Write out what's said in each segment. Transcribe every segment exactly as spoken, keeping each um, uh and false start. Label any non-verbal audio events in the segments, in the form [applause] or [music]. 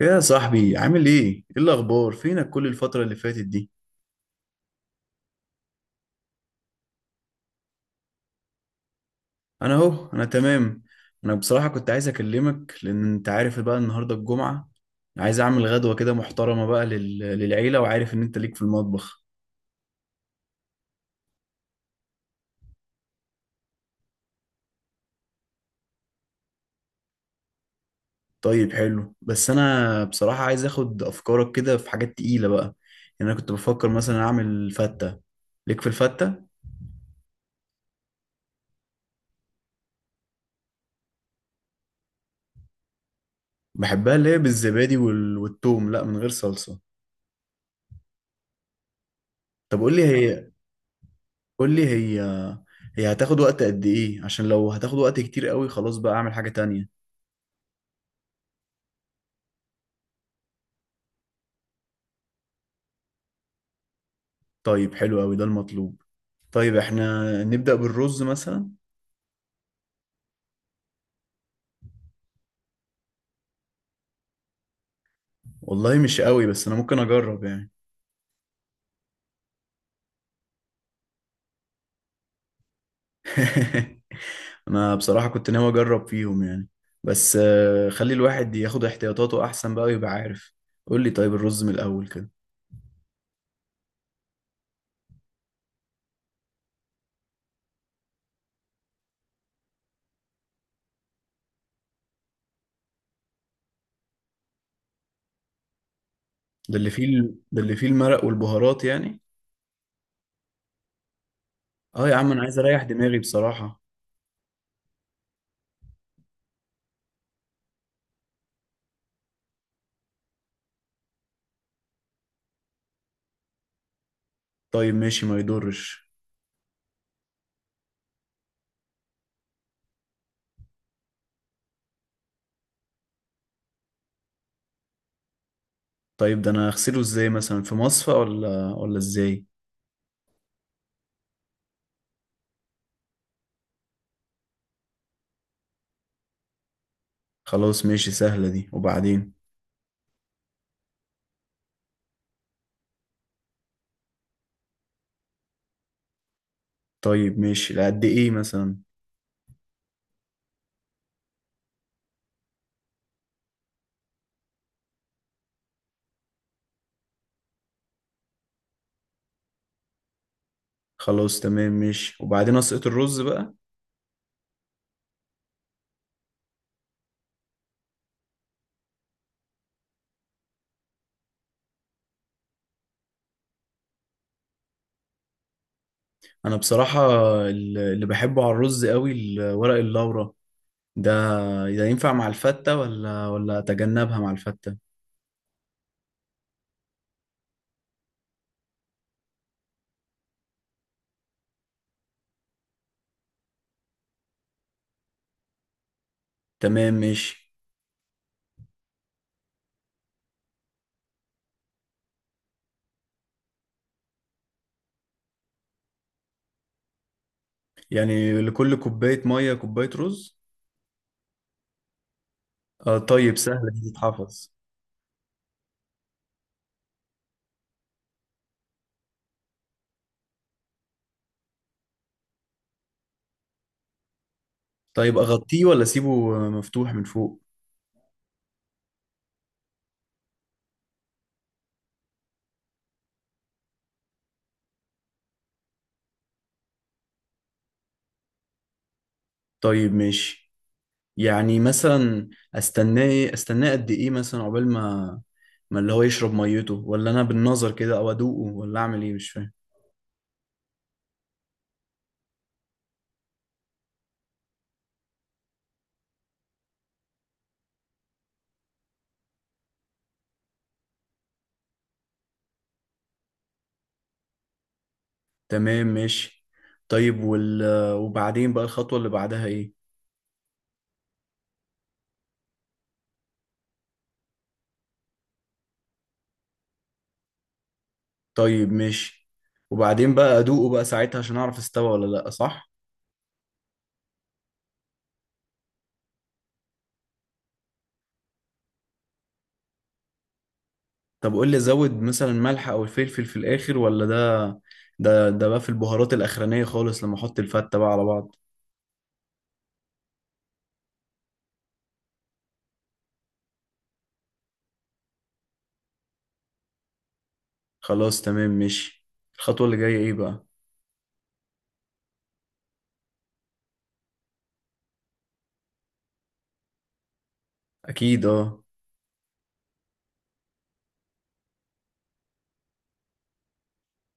يا صاحبي عامل ايه؟ ايه الاخبار؟ فينك كل الفترة اللي فاتت دي؟ انا اهو انا تمام. انا بصراحة كنت عايز اكلمك لان انت عارف بقى النهاردة الجمعة. عايز اعمل غدوة كده محترمة بقى لل... للعيلة، وعارف ان انت ليك في المطبخ. طيب حلو، بس انا بصراحة عايز اخد افكارك كده في حاجات تقيلة بقى. يعني انا كنت بفكر مثلا اعمل فتة. ليك في الفتة؟ بحبها اللي هي بالزبادي وال... والثوم، لا من غير صلصة. طب قول لي هي، قول لي هي، هي هتاخد وقت قد ايه؟ عشان لو هتاخد وقت كتير قوي خلاص بقى اعمل حاجة تانية. طيب حلو قوي، ده المطلوب. طيب احنا نبدأ بالرز مثلا. والله مش قوي، بس انا ممكن اجرب يعني. [laughs] انا بصراحة كنت ناوي اجرب فيهم يعني. بس آه، خلي الواحد ياخد احتياطاته احسن بقى ويبقى عارف. قول لي طيب الرز من الاول كده. ده اللي فيه ال- ده اللي فيه المرق والبهارات يعني. اه يا عم، انا عايز اريح دماغي بصراحة. طيب ماشي، ما يضرش. طيب ده انا اغسله ازاي؟ مثلا في مصفى ولا ولا ازاي؟ خلاص ماشي، سهلة دي. وبعدين؟ طيب ماشي، لقد ايه مثلا؟ خلاص تمام ماشي، وبعدين اسقط الرز بقى. انا بصراحة ال- اللي بحبه على الرز قوي ال- ورق اللورا ده. ده ينفع مع الفتة ولا ولا اتجنبها مع الفتة؟ تمام ماشي. يعني لكل كوباية مية كوباية رز؟ آه طيب، سهلة دي تتحفظ. طيب اغطيه ولا اسيبه مفتوح من فوق؟ طيب ماشي. يعني مثلا، استناه إيه؟ استناه قد ايه مثلا؟ عقبال ما، ما اللي هو يشرب ميته، ولا انا بالنظر كده او ادوقه؟ ولا اعمل ايه؟ مش فاهم. تمام ماشي. طيب وال وبعدين بقى الخطوة اللي بعدها ايه؟ طيب ماشي. وبعدين بقى ادوقه بقى ساعتها عشان اعرف استوى ولا لا، صح؟ طب قول لي، ازود مثلا ملح او الفلفل في الاخر؟ ولا ده، ده ده بقى في البهارات الاخرانية خالص لما احط الفتة بقى على بعض. خلاص تمام ماشي. الخطوة اللي جاية ايه بقى؟ اكيد اه.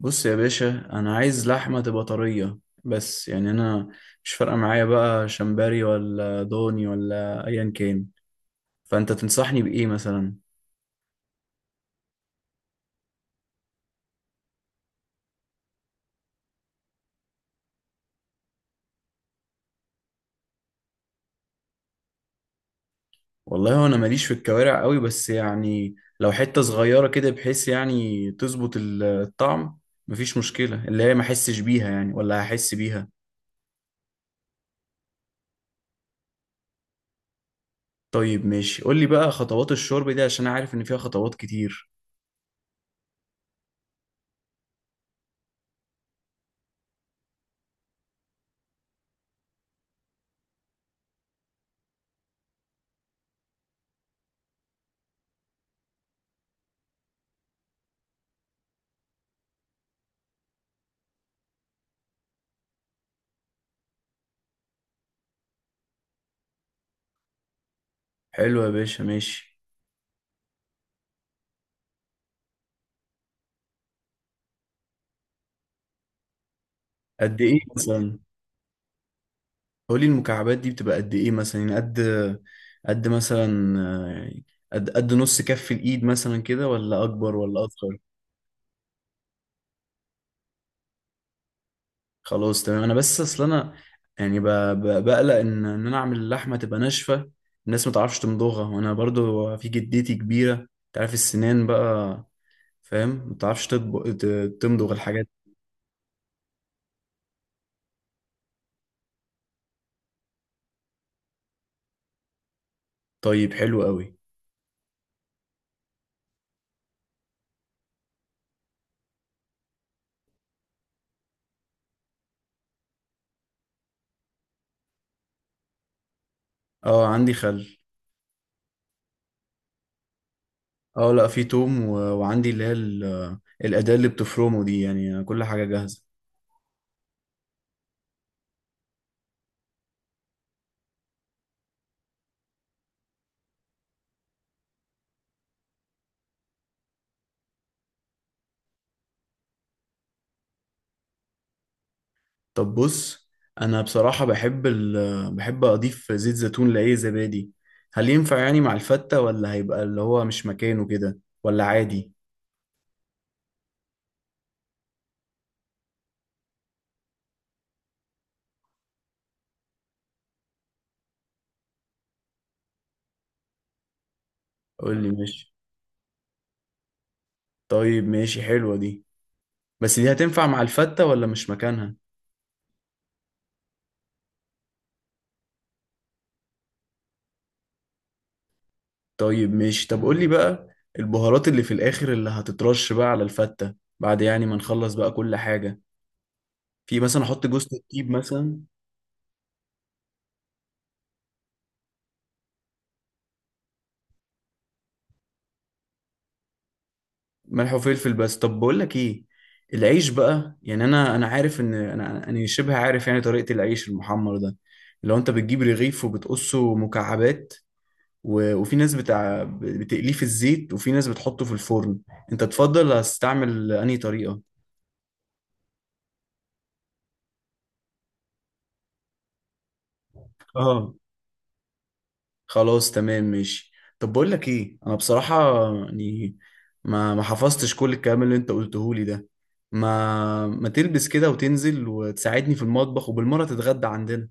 بص يا باشا، انا عايز لحمه تبقى طريه. بس يعني انا مش فارقه معايا بقى شمبري ولا ضاني ولا ايا كان. فانت تنصحني بايه مثلا؟ والله هو انا ماليش في الكوارع قوي، بس يعني لو حته صغيره كده بحيث يعني تظبط ال- الطعم، مفيش مشكله، اللي هي ما احسش بيها يعني، ولا هحس بيها. طيب ماشي، قول لي بقى خطوات الشرب دي عشان أنا عارف ان فيها خطوات كتير. حلو يا باشا ماشي. قد ايه مثلا؟ قولي المكعبات دي بتبقى قد ايه مثلا؟ يعني قد، قد مثلا آه، قد، قد نص كف الايد مثلا كده، ولا اكبر ولا اصغر؟ خلاص تمام. انا بس اصل انا يعني ب- ب- بقلق ان ان انا اعمل اللحمه تبقى ناشفه، الناس ما تعرفش تمضغها، وانا برضو في جدتي كبيره، انت عارف السنان بقى، فاهم؟ ما تعرفش تطبق- ت- تمضغ الحاجات. طيب حلو قوي. اه عندي خل. اه لا، في توم، و- وعندي اللي هي ال- الاداه اللي بتفرمه دي، يعني كل حاجه جاهزه. طب بص، انا بصراحة بحب ال... بحب اضيف زيت زيتون لاي زبادي. هل ينفع يعني مع الفتة، ولا هيبقى اللي هو مش مكانه كده، ولا عادي؟ قول لي ماشي. طيب ماشي، حلوة دي. بس دي هتنفع مع الفتة ولا مش مكانها؟ طيب ماشي. طب قول لي بقى البهارات اللي في الاخر اللي هتترش بقى على الفتة بعد يعني ما نخلص بقى كل حاجة، في مثلا احط جوز الطيب مثلا؟ ملح وفلفل بس؟ طب بقول لك ايه، العيش بقى، يعني انا انا عارف ان انا انا شبه عارف يعني طريقة العيش المحمر ده، لو انت بتجيب رغيف وبتقصه مكعبات، و... وفي ناس بتاع بتقليه في الزيت، وفي ناس بتحطه في الفرن. انت تفضل هتستعمل انهي طريقة؟ اه خلاص تمام ماشي. طب بقول لك ايه، انا بصراحة يعني ما ما حفظتش كل الكلام اللي انت قلته لي ده، ما ما تلبس كده وتنزل وتساعدني في المطبخ، وبالمرة تتغدى عندنا؟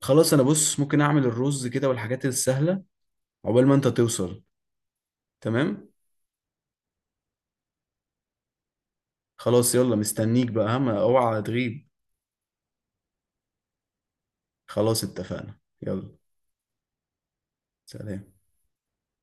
خلاص انا، بص، ممكن اعمل الرز كده والحاجات السهله عقبال ما انت توصل. تمام. خلاص يلا، مستنيك بقى، ها، ما اوعى تغيب. خلاص اتفقنا، يلا. سلام.